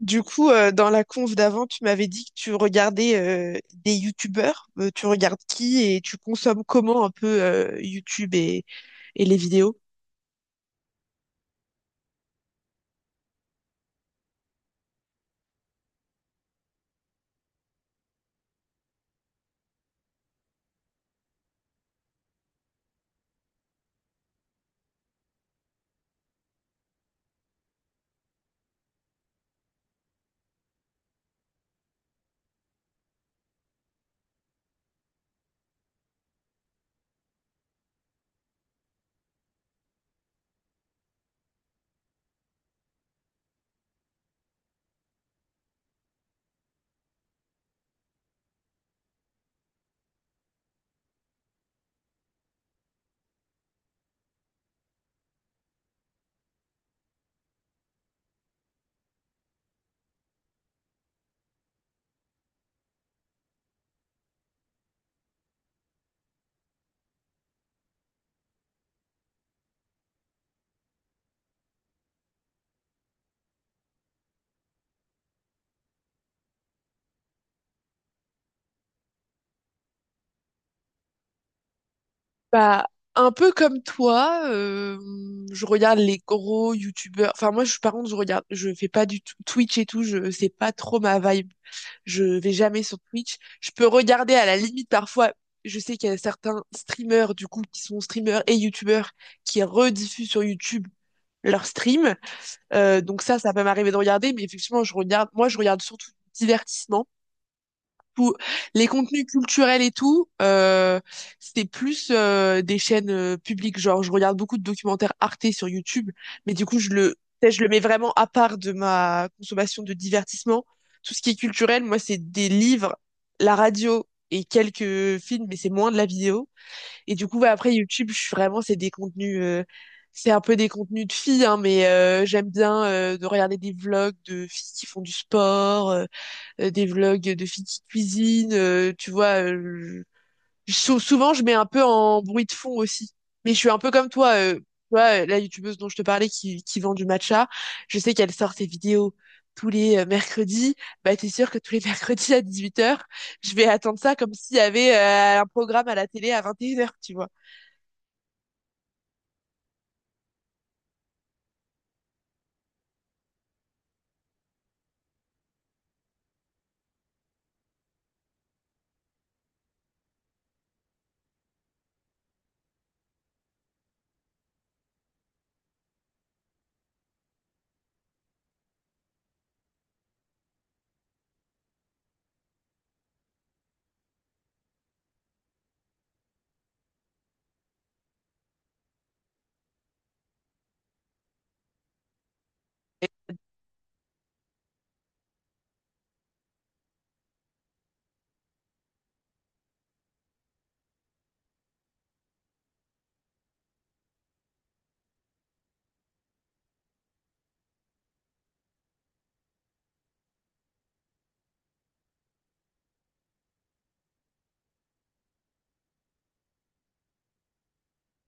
Du coup, dans la conf d'avant, tu m'avais dit que tu regardais des youtubeurs. Tu regardes qui et tu consommes comment un peu YouTube et les vidéos? Bah, un peu comme toi, je regarde les gros youtubeurs. Enfin, moi, je, par contre, je regarde, je fais pas du tout Twitch et tout, je, c'est pas trop ma vibe. Je vais jamais sur Twitch. Je peux regarder à la limite parfois. Je sais qu'il y a certains streamers, du coup, qui sont streamers et youtubeurs qui rediffusent sur YouTube leurs streams. Donc ça peut m'arriver de regarder, mais effectivement, je regarde, moi, je regarde surtout du divertissement. Pour les contenus culturels et tout, c'était plus des chaînes publiques. Genre, je regarde beaucoup de documentaires Arte sur YouTube, mais du coup, je le, tu sais, je le mets vraiment à part de ma consommation de divertissement. Tout ce qui est culturel, moi, c'est des livres, la radio et quelques films, mais c'est moins de la vidéo. Et du coup, ouais, après YouTube, je suis vraiment, c'est des contenus, c'est un peu des contenus de filles, hein, mais j'aime bien de regarder des vlogs de filles qui font du sport, des vlogs de filles qui cuisinent, tu vois. Souvent, je mets un peu en bruit de fond aussi. Mais je suis un peu comme toi, tu vois, la youtubeuse dont je te parlais qui vend du matcha, je sais qu'elle sort ses vidéos tous les mercredis. Bah, t'es sûr que tous les mercredis à 18 h, je vais attendre ça comme s'il y avait un programme à la télé à 21 h, tu vois.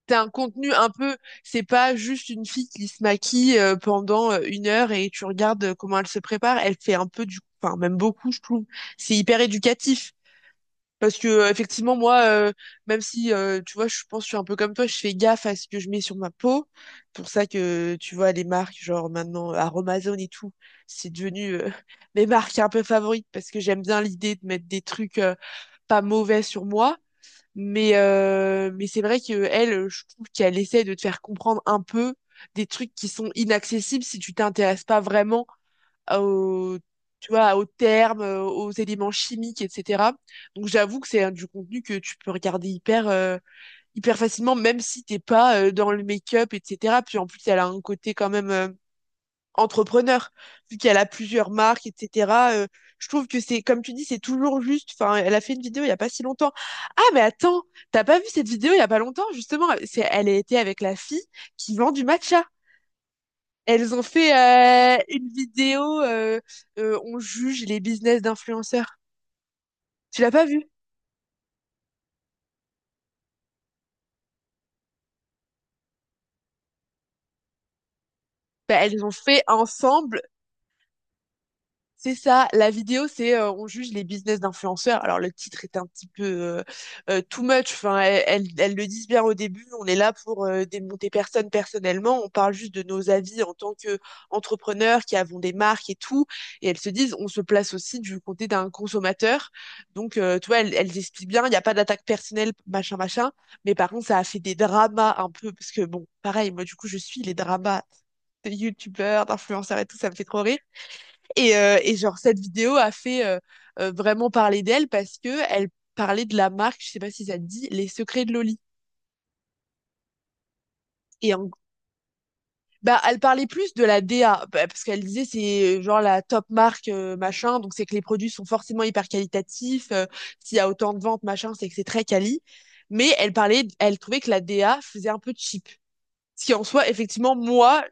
T'as un contenu un peu, c'est pas juste une fille qui se maquille pendant une heure et tu regardes comment elle se prépare. Elle fait un peu du, enfin même beaucoup, je trouve. C'est hyper éducatif parce que effectivement moi, même si tu vois, je pense que je suis un peu comme toi, je fais gaffe à ce que je mets sur ma peau. Pour ça que tu vois les marques genre maintenant Aromazone et tout, c'est devenu mes marques un peu favorites parce que j'aime bien l'idée de mettre des trucs pas mauvais sur moi. Mais c'est vrai que elle, je trouve qu'elle essaie de te faire comprendre un peu des trucs qui sont inaccessibles si tu t'intéresses pas vraiment au, tu vois, aux termes, aux éléments chimiques, etc. Donc j'avoue que c'est du contenu que tu peux regarder hyper, hyper facilement, même si t'es pas dans le make-up, etc. Puis en plus, elle a un côté quand même entrepreneur, vu qu'elle a plusieurs marques, etc. Je trouve que c'est, comme tu dis, c'est toujours juste. Enfin, elle a fait une vidéo il y a pas si longtemps. Ah, mais attends, t'as pas vu cette vidéo il y a pas longtemps, justement. C'est, elle était avec la fille qui vend du matcha. Elles ont fait une vidéo, on juge les business d'influenceurs. Tu l'as pas vu? Bah, elles ont fait ensemble. C'est ça, la vidéo, c'est on juge les business d'influenceurs. Alors le titre est un petit peu too much. Enfin, elles le disent bien au début. On est là pour démonter personne personnellement. On parle juste de nos avis en tant qu'entrepreneurs qui avons des marques et tout. Et elles se disent, on se place aussi du côté d'un consommateur. Donc, tu vois, elles, elles expliquent bien. Il n'y a pas d'attaque personnelle, machin, machin. Mais par contre, ça a fait des dramas un peu parce que bon, pareil, moi du coup, je suis les dramas de youtubeurs, d'influenceurs et tout, ça me fait trop rire. Et genre, cette vidéo a fait vraiment parler d'elle parce que elle parlait de la marque, je sais pas si ça te dit, Les Secrets de Loli. Et en- bah, elle parlait plus de la DA, bah, parce qu'elle disait c'est genre la top marque, machin, donc c'est que les produits sont forcément hyper qualitatifs, s'il y a autant de ventes, machin, c'est que c'est très quali. Mais elle parlait, elle trouvait que la DA faisait un peu cheap. Ce qui en soi, effectivement, moi,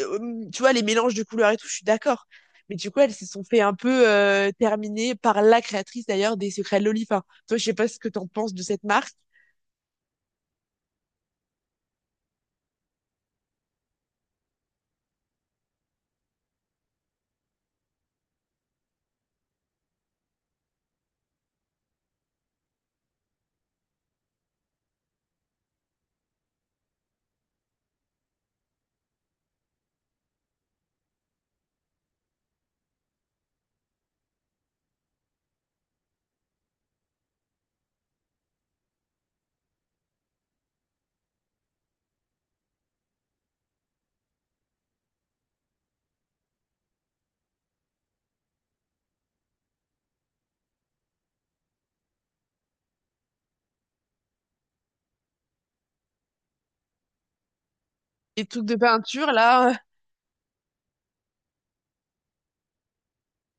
tu vois, les mélanges de couleurs et tout, je suis d'accord. Mais du coup, elles se sont fait un peu terminer par la créatrice d'ailleurs des Secrets de Loli. Enfin, toi, je sais pas ce que t'en penses de cette marque. Les trucs de peinture, là.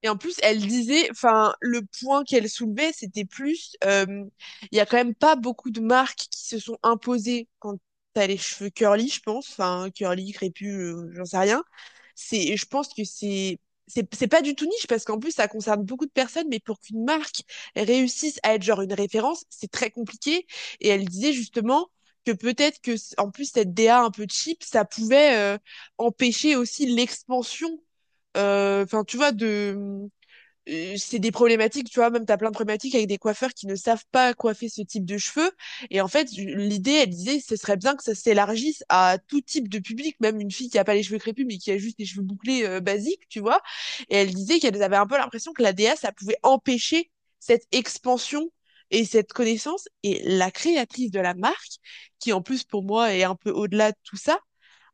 Et en plus, elle disait, enfin, le point qu'elle soulevait, c'était plus, il y a quand même pas beaucoup de marques qui se sont imposées quand t'as les cheveux curly, je pense, enfin, curly, crépus, j'en sais rien. Je pense que c'est pas du tout niche parce qu'en plus, ça concerne beaucoup de personnes, mais pour qu'une marque réussisse à être genre une référence, c'est très compliqué. Et elle disait justement que peut-être que, en plus, cette DA un peu cheap, ça pouvait empêcher aussi l'expansion, enfin, tu vois, de c'est des problématiques, tu vois, même t'as plein de problématiques avec des coiffeurs qui ne savent pas coiffer ce type de cheveux. Et en fait, l'idée, elle disait, ce serait bien que ça s'élargisse à tout type de public, même une fille qui a pas les cheveux crépus, mais qui a juste les cheveux bouclés basiques, tu vois. Et elle disait qu'elle avait un peu l'impression que la DA, ça pouvait empêcher cette expansion et cette connaissance. Et la créatrice de la marque, qui en plus pour moi est un peu au-delà de tout ça,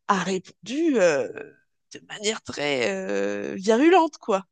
a répondu de manière très virulente, quoi.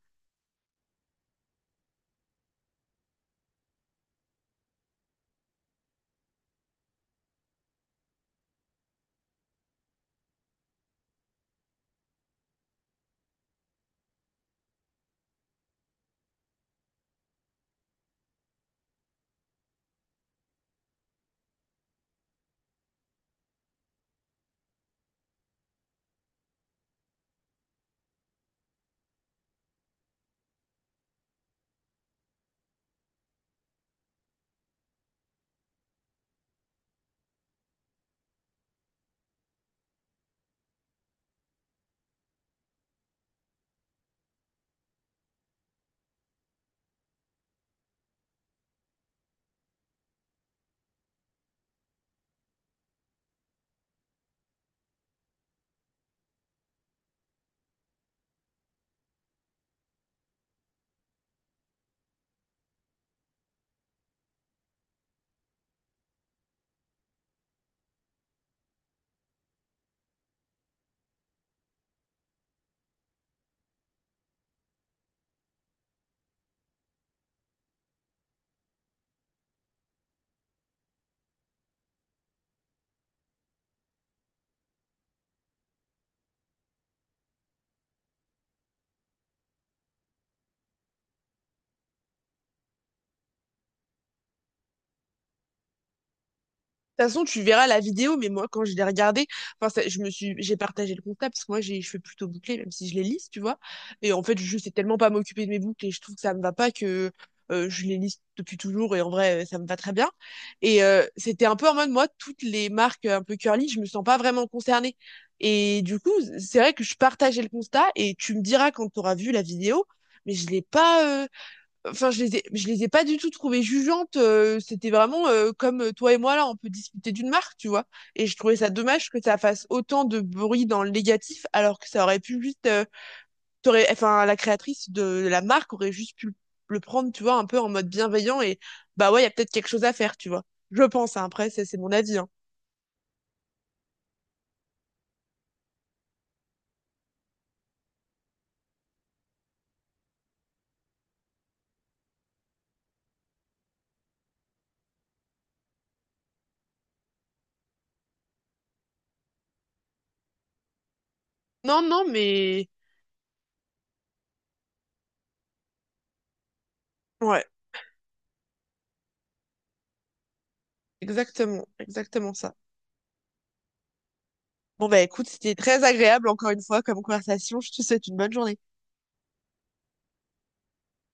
De toute façon, tu verras la vidéo, mais moi, quand je l'ai regardée, enfin, je me suis, j'ai partagé le constat parce que moi, j'ai les cheveux plutôt bouclés, même si je les lisse, tu vois. Et en fait, je sais tellement pas m'occuper de mes boucles et je trouve que ça me va pas que je les lisse depuis toujours et en vrai, ça me va très bien. Et c'était un peu en mode, moi, toutes les marques un peu curly, je me sens pas vraiment concernée. Et du coup, c'est vrai que je partageais le constat et tu me diras quand tu auras vu la vidéo, mais je l'ai pas, enfin, je les ai pas du tout trouvées jugeantes. C'était vraiment comme toi et moi là, on peut discuter d'une marque, tu vois. Et je trouvais ça dommage que ça fasse autant de bruit dans le négatif, alors que ça aurait pu juste, t'aurais, enfin, la créatrice de la marque aurait juste pu le prendre, tu vois, un peu en mode bienveillant et bah ouais, il y a peut-être quelque chose à faire, tu vois. Je pense, hein. Après, c'est mon avis, hein. Non, non, mais ouais, exactement, exactement ça. Bon bah écoute, c'était très agréable encore une fois comme conversation. Je te souhaite une bonne journée.